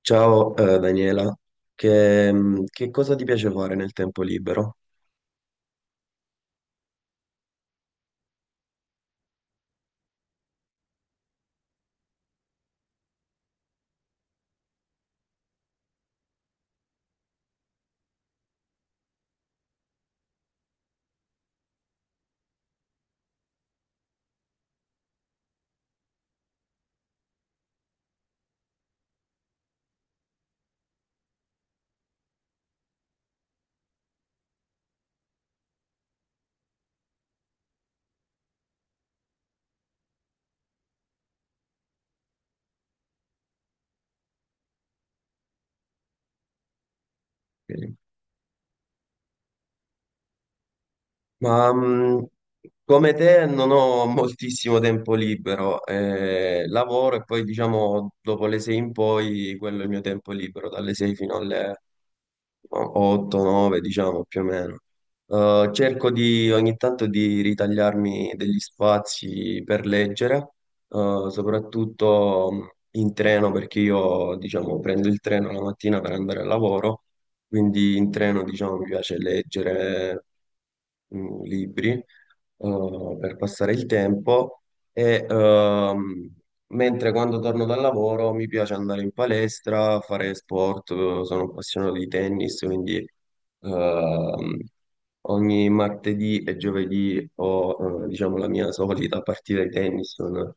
Ciao, Daniela, che cosa ti piace fare nel tempo libero? Ok. Ma come te non ho moltissimo tempo libero, lavoro e poi diciamo dopo le 6 in poi quello è il mio tempo libero, dalle 6 fino alle 8, 9, diciamo più o meno. Cerco di ogni tanto di ritagliarmi degli spazi per leggere, soprattutto in treno, perché io, diciamo, prendo il treno la mattina per andare al lavoro, quindi in treno, diciamo, mi piace leggere libri per passare il tempo e ehm, Mentre quando torno dal lavoro mi piace andare in palestra, fare sport, sono appassionato di tennis, quindi ehm, ogni martedì e giovedì ho, diciamo, la mia solita partita di tennis con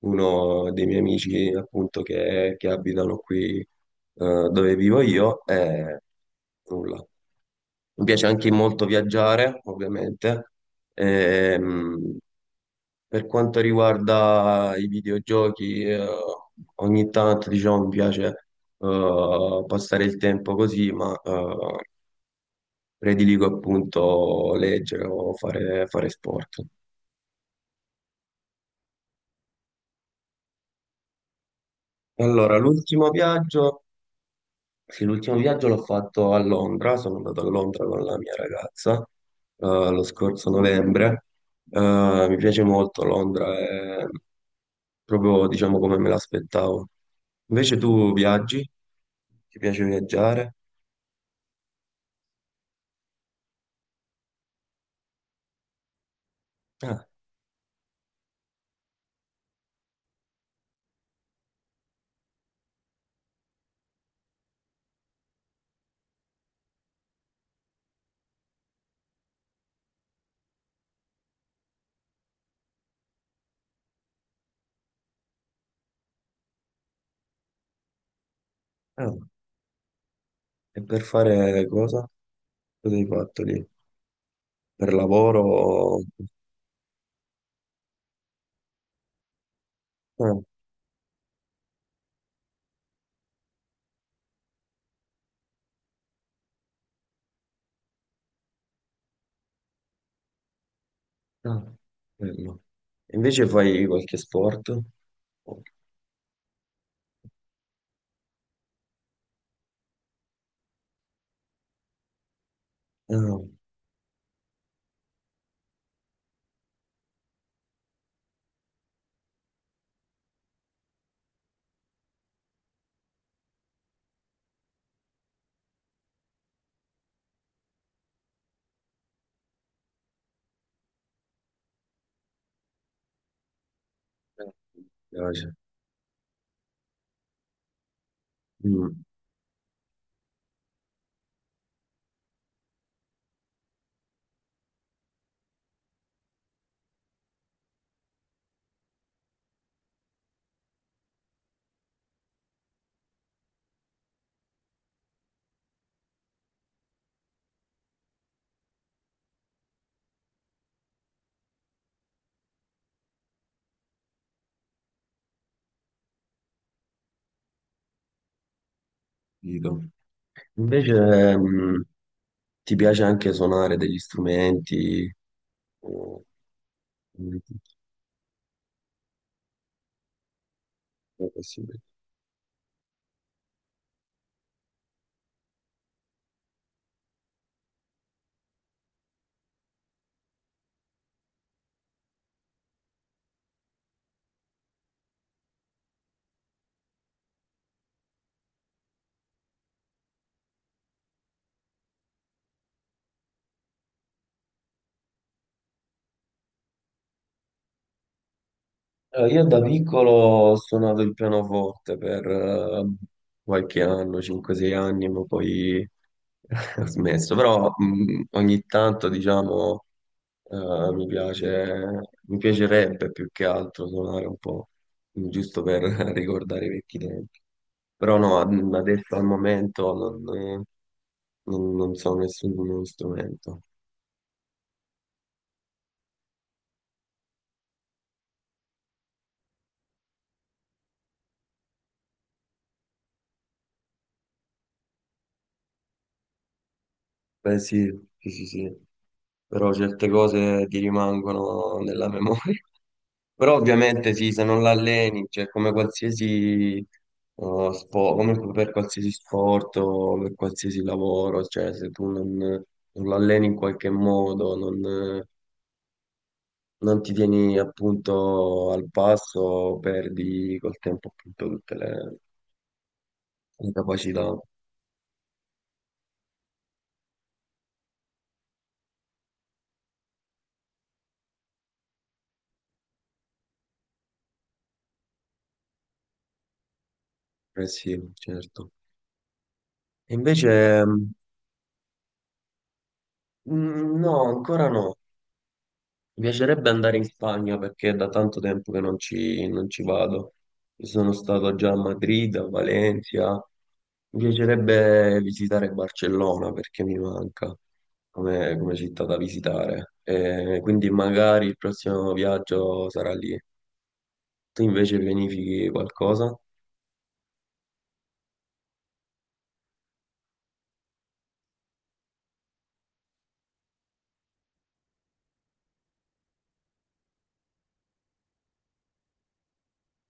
uno dei miei amici appunto che abitano qui dove vivo io e nulla. Mi piace anche molto viaggiare, ovviamente. Ehm, per quanto riguarda i videogiochi, ogni tanto diciamo, mi piace passare il tempo così, ma prediligo appunto leggere o fare sport. Allora, l'ultimo viaggio Sì, l'ultimo viaggio l'ho fatto a Londra, sono andato a Londra con la mia ragazza eh, lo scorso novembre. Mi piace molto Londra, è proprio diciamo come me l'aspettavo. Invece tu viaggi? Ti piace viaggiare? Ah, ah, e per fare cosa? Cosa hai fatto lì? Per lavoro? Ah, ah, bello. E invece fai qualche sport? Oh, ah, mi piace. Mm. Capito. Invece, mh, ti piace anche suonare degli strumenti? o- o possibile? Io da piccolo ho suonato il pianoforte per qualche anno, 5-6 anni, ma poi ho smesso. Però ogni tanto, diciamo, eh, mi piace, mi piacerebbe più che altro suonare un po', giusto per ricordare i vecchi tempi. Però no, adesso al momento non so nessun nuovo strumento. Beh, sì, sì, sì, sì, però certe cose ti rimangono nella memoria. Però ovviamente sì, se non l'alleni, cioè come qualsiasi come per qualsiasi sport o per qualsiasi lavoro, cioè se tu non l'alleni in qualche modo, non ti tieni appunto al passo, perdi col tempo appunto tutte le capacità. Eh sì, certo. E invece, mm, no, ancora no. Mi piacerebbe andare in Spagna perché è da tanto tempo che non ci vado. Io sono stato già a Madrid, a Valencia. Mi piacerebbe visitare Barcellona perché mi manca come città da visitare. Quindi magari il prossimo viaggio sarà lì. Tu invece pianifichi qualcosa?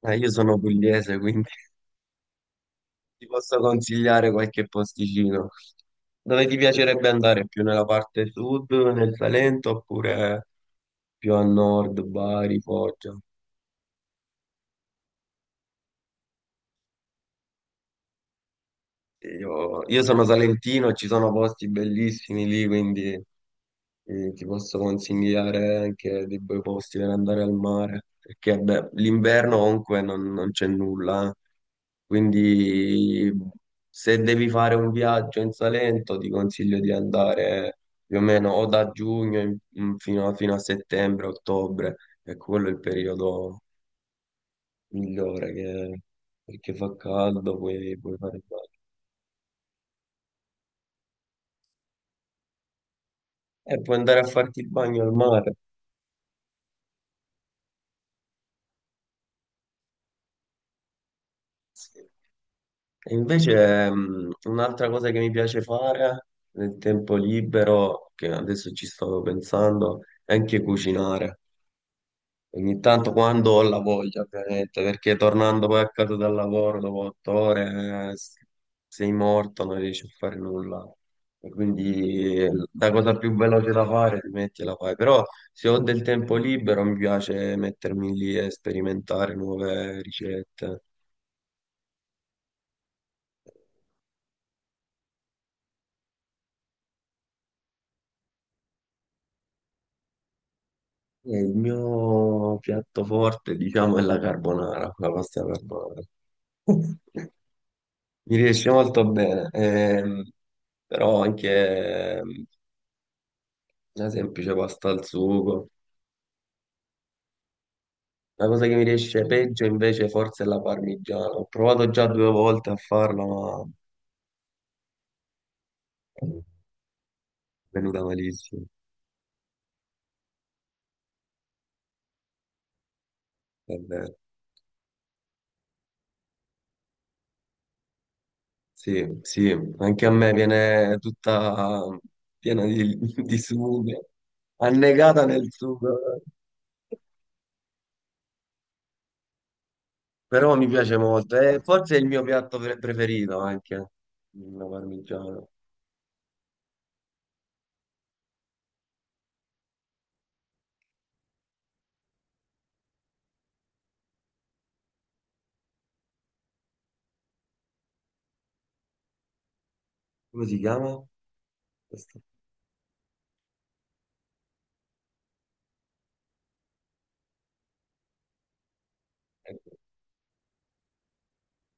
Io sono pugliese, quindi ti posso consigliare qualche posticino. Dove ti piacerebbe andare? Più nella parte sud, nel Salento, oppure più a nord, Bari, Foggia? Io sono salentino, ci sono posti bellissimi lì, quindi ti posso consigliare anche dei bei posti per andare al mare, perché beh, l'inverno comunque non c'è nulla, eh. Quindi se devi fare un viaggio in Salento ti consiglio di andare più o meno o da giugno fino a settembre, ottobre, e quello è il periodo migliore perché fa caldo, puoi fare il bagno. E puoi andare a farti il bagno al mare. Sì. E invece un'altra cosa che mi piace fare nel tempo libero, che adesso ci stavo pensando, è anche cucinare. Ogni tanto quando ho la voglia, ovviamente, perché tornando poi a casa dal lavoro dopo 8 ore sei morto, non riesci a fare nulla. E quindi la cosa più veloce da fare, ti metti e la fai. Però se ho del tempo libero mi piace mettermi lì e sperimentare nuove ricette. E il mio piatto forte, diciamo, è la carbonara, la pasta alla carbonara. Mi riesce molto bene, però anche una semplice pasta al sugo. La cosa che mi riesce peggio invece forse è la parmigiana. Ho provato già 2 volte a farla, ma è venuta malissimo. Davvero. Sì, sì, anche a me viene tutta piena di sugo, annegata nel sugo. Però mi piace molto. E forse è il mio piatto preferito anche, la parmigiana. Come si chiama? Questo? Ecco.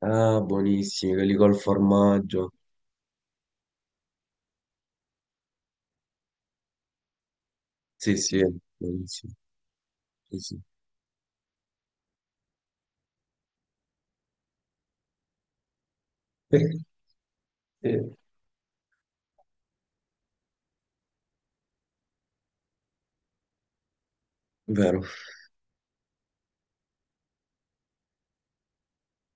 Ah, buonissimi, quelli col formaggio. Sì, sì, buonissimi. Sì, sì, sì, vero.